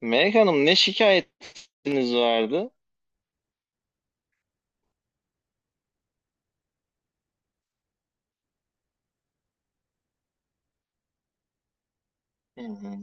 Melek Hanım ne şikayetiniz vardı? Hı hı.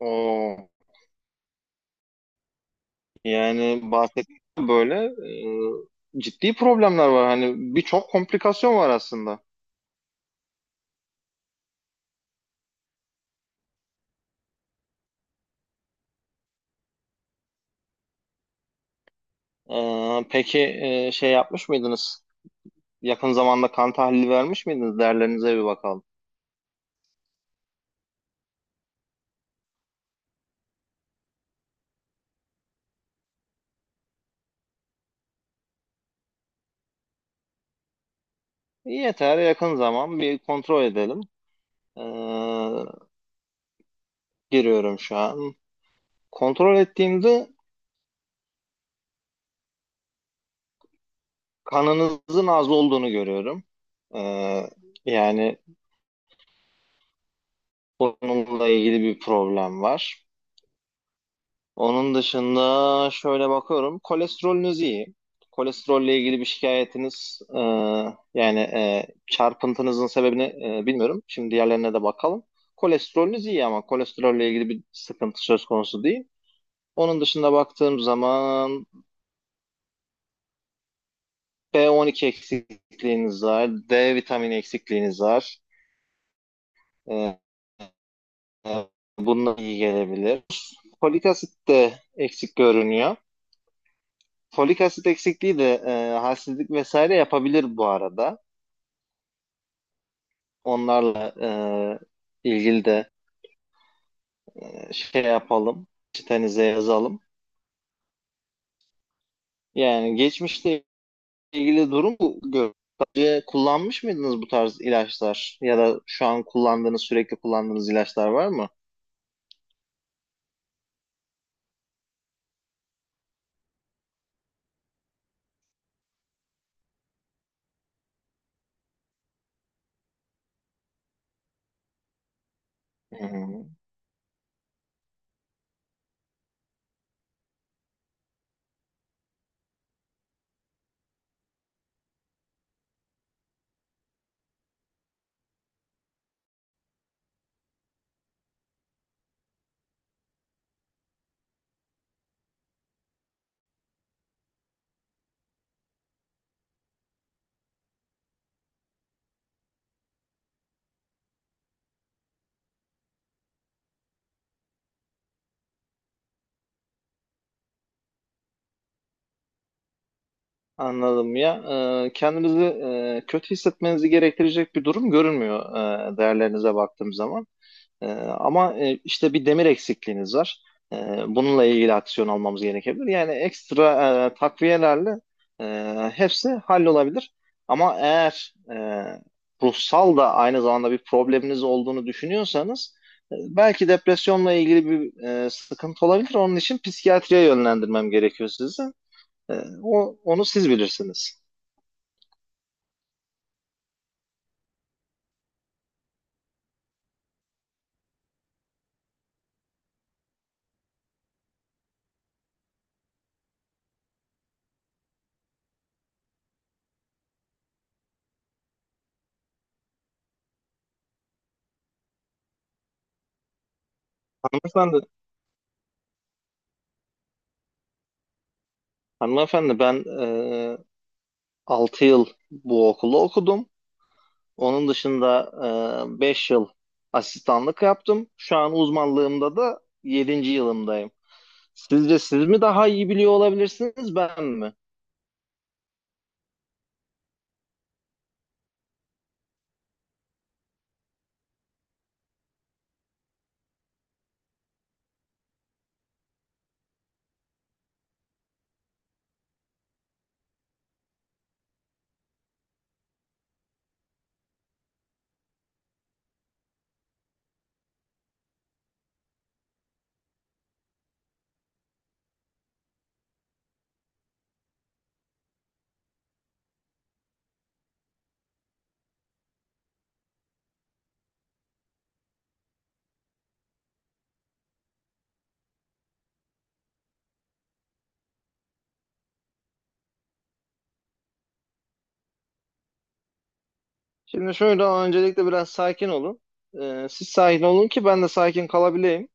O yani bahsettiğim böyle ciddi problemler var. Hani birçok komplikasyon var aslında. Peki şey yapmış mıydınız? Yakın zamanda kan tahlili vermiş miydiniz? Değerlerinize bir bakalım. Yeter yakın zaman bir kontrol edelim. E, giriyorum şu an. Kontrol ettiğimde kanınızın az olduğunu görüyorum. E, yani onunla ilgili bir problem var. Onun dışında şöyle bakıyorum. Kolesterolünüz iyi. Kolesterolle ilgili bir şikayetiniz yani çarpıntınızın sebebini bilmiyorum. Şimdi diğerlerine de bakalım. Kolesterolünüz iyi ama kolesterolle ilgili bir sıkıntı söz konusu değil. Onun dışında baktığım zaman B12 eksikliğiniz var, D vitamini eksikliğiniz var. E, e, bununla iyi gelebilir. Folik asit de eksik görünüyor. Folik asit eksikliği de halsizlik vesaire yapabilir bu arada. Onlarla ilgili de şey yapalım, çitenize yazalım. Yani geçmişte ilgili durum bu. Önce kullanmış mıydınız bu tarz ilaçlar ya da şu an kullandığınız, sürekli kullandığınız ilaçlar var mı? Hmm, anladım ya. Kendinizi kötü hissetmenizi gerektirecek bir durum görünmüyor değerlerinize baktığım zaman. Ee, ama işte bir demir eksikliğiniz var. Bununla ilgili aksiyon almamız gerekebilir. Yani ekstra takviyelerle e, hepsi hallolabilir. Ama eğer ruhsal da aynı zamanda bir probleminiz olduğunu düşünüyorsanız belki depresyonla ilgili bir sıkıntı olabilir. Onun için psikiyatriye yönlendirmem gerekiyor sizi. E, onu siz bilirsiniz. Hanımefendi, hanımefendi ben 6 yıl bu okulu okudum. Onun dışında 5 yıl asistanlık yaptım. Şu an uzmanlığımda da yedinci yılımdayım. Sizce siz mi daha iyi biliyor olabilirsiniz, ben mi? Şimdi şöyle öncelikle biraz sakin olun. Siz sakin olun ki ben de sakin kalabileyim.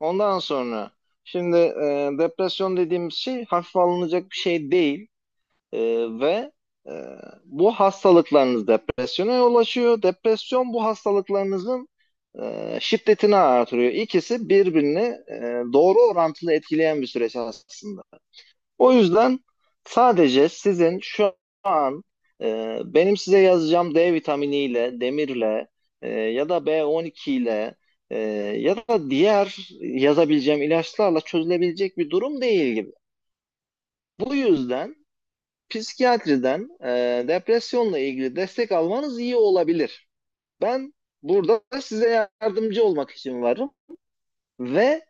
Ondan sonra şimdi depresyon dediğimiz şey hafif alınacak bir şey değil. Ee, ve e, bu hastalıklarınız depresyona yol açıyor. Depresyon bu hastalıklarınızın şiddetini artırıyor. İkisi birbirini doğru orantılı etkileyen bir süreç aslında. O yüzden sadece sizin şu an benim size yazacağım D vitaminiyle, demirle ya da B12 ile e, ya da diğer yazabileceğim ilaçlarla çözülebilecek bir durum değil gibi. Bu yüzden psikiyatriden depresyonla ilgili destek almanız iyi olabilir. Ben burada size yardımcı olmak için varım ve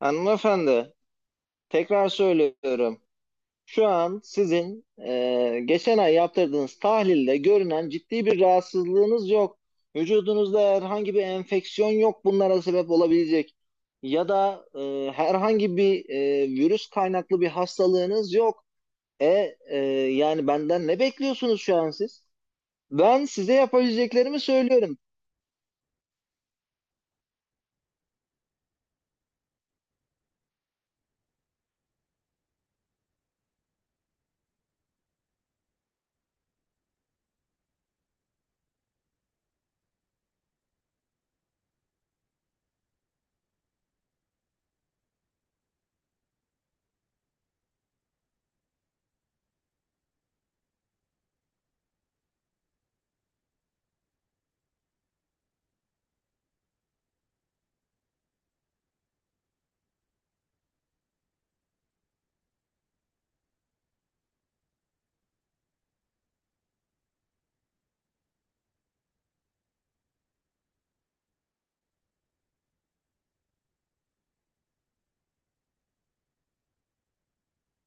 hanımefendi tekrar söylüyorum. Şu an sizin geçen ay yaptırdığınız tahlilde görünen ciddi bir rahatsızlığınız yok. Vücudunuzda herhangi bir enfeksiyon yok bunlara sebep olabilecek. Ya da herhangi bir virüs kaynaklı bir hastalığınız yok. E, e, yani benden ne bekliyorsunuz şu an siz? Ben size yapabileceklerimi söylüyorum.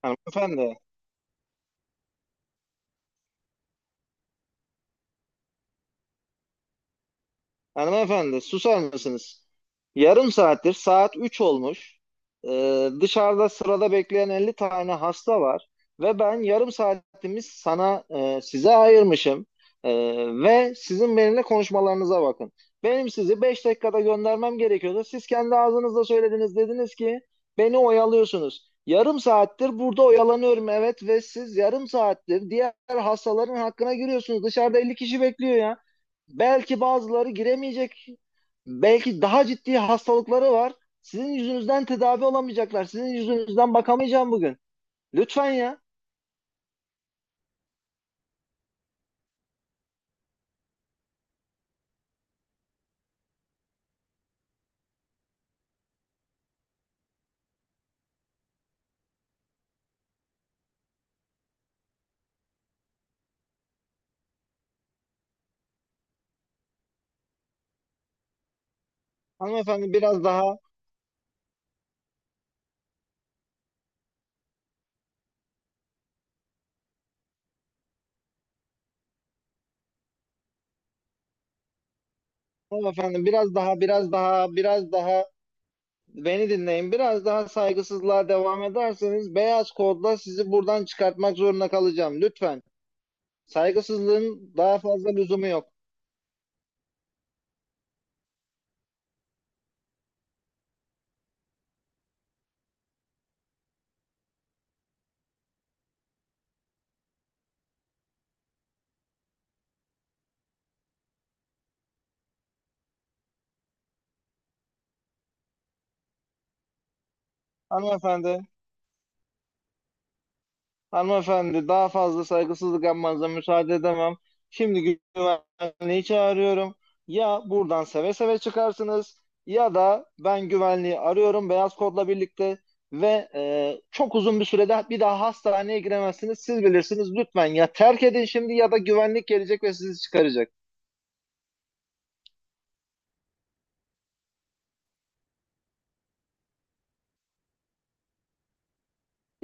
Hanımefendi. Hanımefendi susar mısınız? Yarım saattir saat 3 olmuş. Dışarıda sırada bekleyen 50 tane hasta var. Ve ben yarım saatimi size ayırmışım. Ee, ve sizin benimle konuşmalarınıza bakın. Benim sizi 5 dakikada göndermem gerekiyordu. Siz kendi ağzınızla söylediniz. Dediniz ki beni oyalıyorsunuz. Yarım saattir burada oyalanıyorum, evet, ve siz yarım saattir diğer hastaların hakkına giriyorsunuz. Dışarıda 50 kişi bekliyor ya. Belki bazıları giremeyecek. Belki daha ciddi hastalıkları var. Sizin yüzünüzden tedavi olamayacaklar. Sizin yüzünüzden bakamayacağım bugün. Lütfen ya. Hanımefendi biraz daha, hanımefendi biraz daha, biraz daha beni dinleyin. Biraz daha saygısızlığa devam ederseniz beyaz kodla sizi buradan çıkartmak zorunda kalacağım. Lütfen. Saygısızlığın daha fazla lüzumu yok. Hanımefendi. Hanımefendi daha fazla saygısızlık yapmanıza müsaade edemem. Şimdi güvenliği çağırıyorum. Ya buradan seve seve çıkarsınız ya da ben güvenliği arıyorum beyaz kodla birlikte ve çok uzun bir sürede bir daha hastaneye giremezsiniz. Siz bilirsiniz, lütfen ya, terk edin şimdi ya da güvenlik gelecek ve sizi çıkaracak.